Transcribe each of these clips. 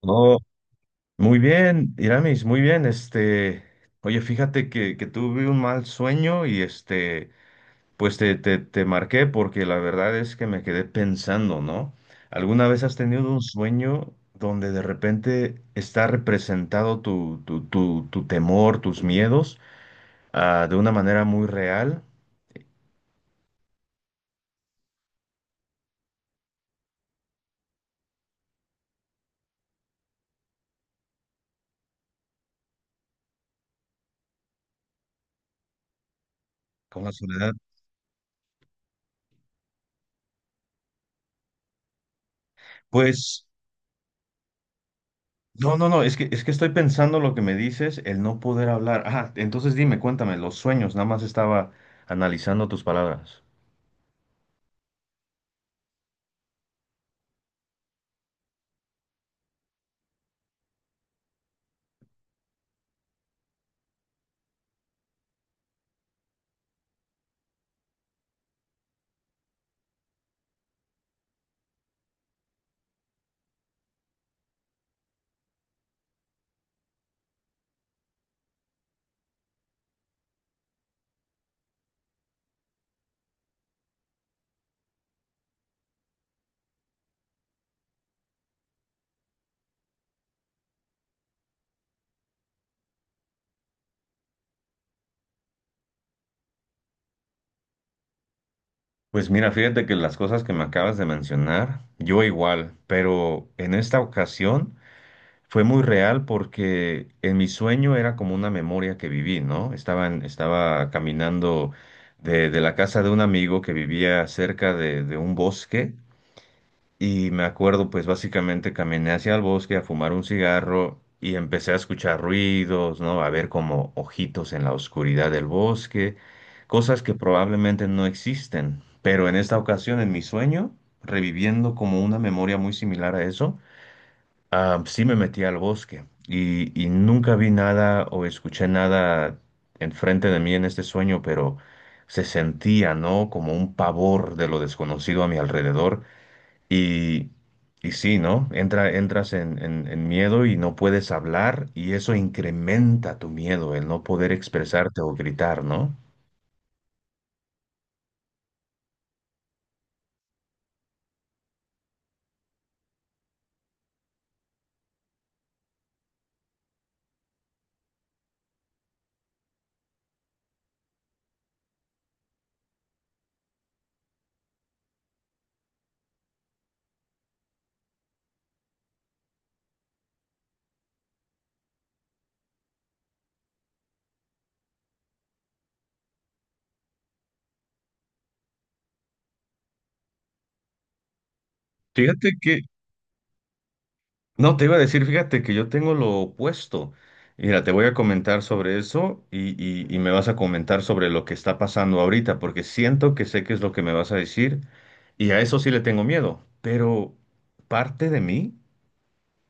Oh, muy bien, Iramis, muy bien. Oye, fíjate que tuve un mal sueño y pues te marqué porque la verdad es que me quedé pensando, ¿no? ¿Alguna vez has tenido un sueño donde de repente está representado tu temor, tus miedos, de una manera muy real con la soledad? Pues. No, no, no, es que estoy pensando lo que me dices, el no poder hablar. Ah, entonces dime, cuéntame, los sueños, nada más estaba analizando tus palabras. Pues mira, fíjate que las cosas que me acabas de mencionar, yo igual, pero en esta ocasión fue muy real porque en mi sueño era como una memoria que viví, ¿no? Estaba caminando de la casa de un amigo que vivía cerca de un bosque. Y me acuerdo, pues básicamente caminé hacia el bosque a fumar un cigarro y empecé a escuchar ruidos, ¿no? A ver como ojitos en la oscuridad del bosque, cosas que probablemente no existen. Pero en esta ocasión, en mi sueño, reviviendo como una memoria muy similar a eso, ah, sí me metí al bosque y nunca vi nada o escuché nada enfrente de mí en este sueño, pero se sentía, ¿no? Como un pavor de lo desconocido a mi alrededor y, y sí, ¿no? Entras en miedo y no puedes hablar y eso incrementa tu miedo, el no poder expresarte o gritar, ¿no? Fíjate que no, te iba a decir, fíjate que yo tengo lo opuesto. Mira, te voy a comentar sobre eso y me vas a comentar sobre lo que está pasando ahorita, porque siento que sé qué es lo que me vas a decir y a eso sí le tengo miedo, pero parte de mí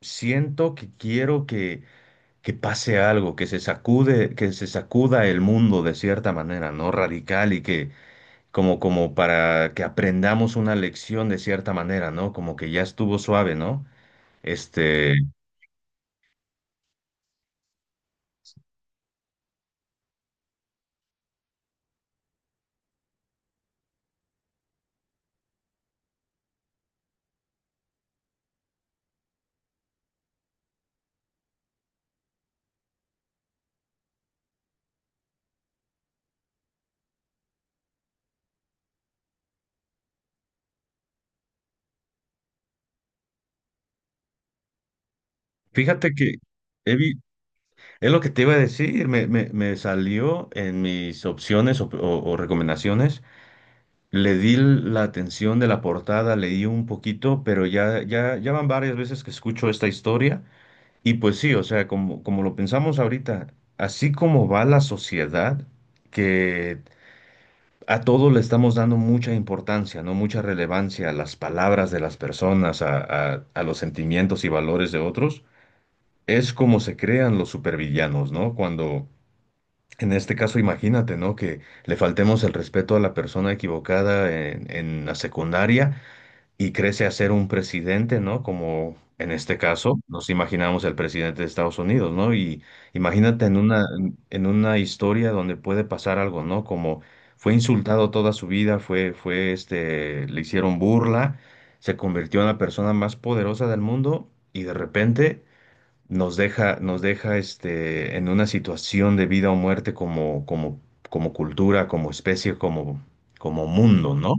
siento que quiero que pase algo, que se sacude, que se sacuda el mundo de cierta manera, ¿no? Radical y que como para que aprendamos una lección de cierta manera, ¿no? Como que ya estuvo suave, ¿no? Este, Fíjate que he vi- es lo que te iba a decir, me salió en mis opciones o recomendaciones. Le di la atención de la portada, leí un poquito, pero ya van varias veces que escucho esta historia. Y pues sí, o sea, como, como lo pensamos ahorita, así como va la sociedad, que a todo le estamos dando mucha importancia, ¿no? Mucha relevancia a las palabras de las personas, a los sentimientos y valores de otros, es como se crean los supervillanos, ¿no? Cuando, en este caso, imagínate, ¿no? Que le faltemos el respeto a la persona equivocada en la secundaria y crece a ser un presidente, ¿no? Como en este caso nos imaginamos el presidente de Estados Unidos, ¿no? Y imagínate en una, en una historia donde puede pasar algo, ¿no? Como fue insultado toda su vida, le hicieron burla, se convirtió en la persona más poderosa del mundo y de repente nos deja, en una situación de vida o muerte como cultura, como especie, como, como mundo, ¿no?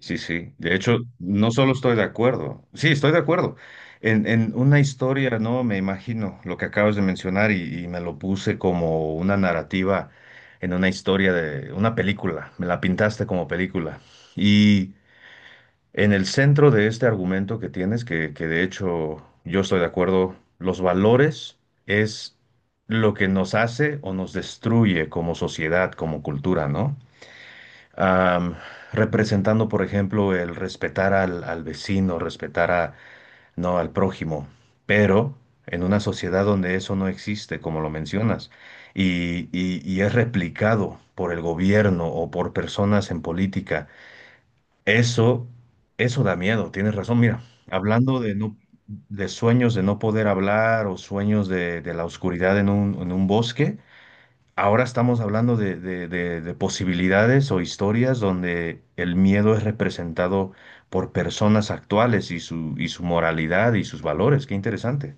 Sí, sí. De hecho, no solo estoy de acuerdo, sí, estoy de acuerdo. En una historia, ¿no? Me imagino lo que acabas de mencionar y me lo puse como una narrativa en una historia de una película. Me la pintaste como película. Y en el centro de este argumento que tienes, que de hecho yo estoy de acuerdo, los valores es lo que nos hace o nos destruye como sociedad, como cultura, ¿no? am, Representando, por ejemplo, el respetar al vecino, respetar a, no, al prójimo, pero en una sociedad donde eso no existe, como lo mencionas, y es replicado por el gobierno o por personas en política, eso, eso da miedo, tienes razón, mira, hablando de no, de sueños de no poder hablar o sueños de la oscuridad en un bosque. Ahora estamos hablando de posibilidades o historias donde el miedo es representado por personas actuales y su moralidad y sus valores. Qué interesante.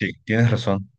Sí, tienes razón.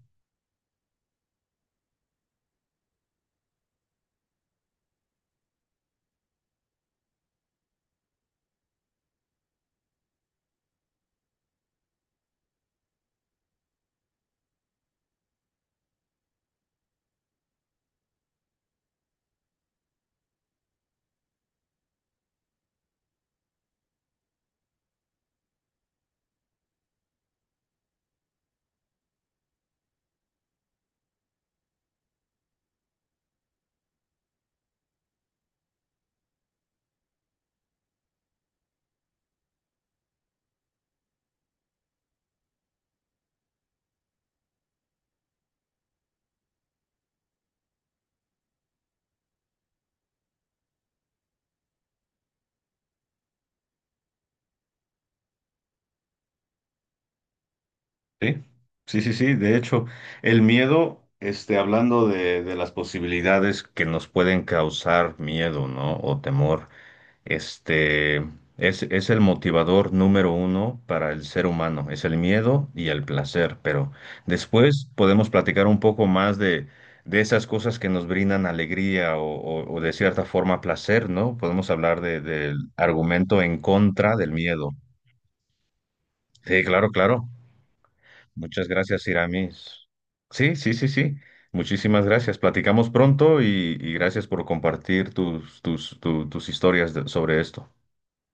Sí, sí, sí, sí. De hecho, el miedo, hablando de las posibilidades que nos pueden causar miedo, ¿no? O temor. Este es el motivador número uno para el ser humano, es el miedo y el placer, pero después podemos platicar un poco más de esas cosas que nos brindan alegría o de cierta forma placer, ¿no? Podemos hablar del argumento en contra del miedo. Sí, claro, claro. Muchas gracias, Iramis. Sí, sí, sí, sí. Muchísimas gracias. Platicamos pronto y gracias por compartir tus historias sobre esto.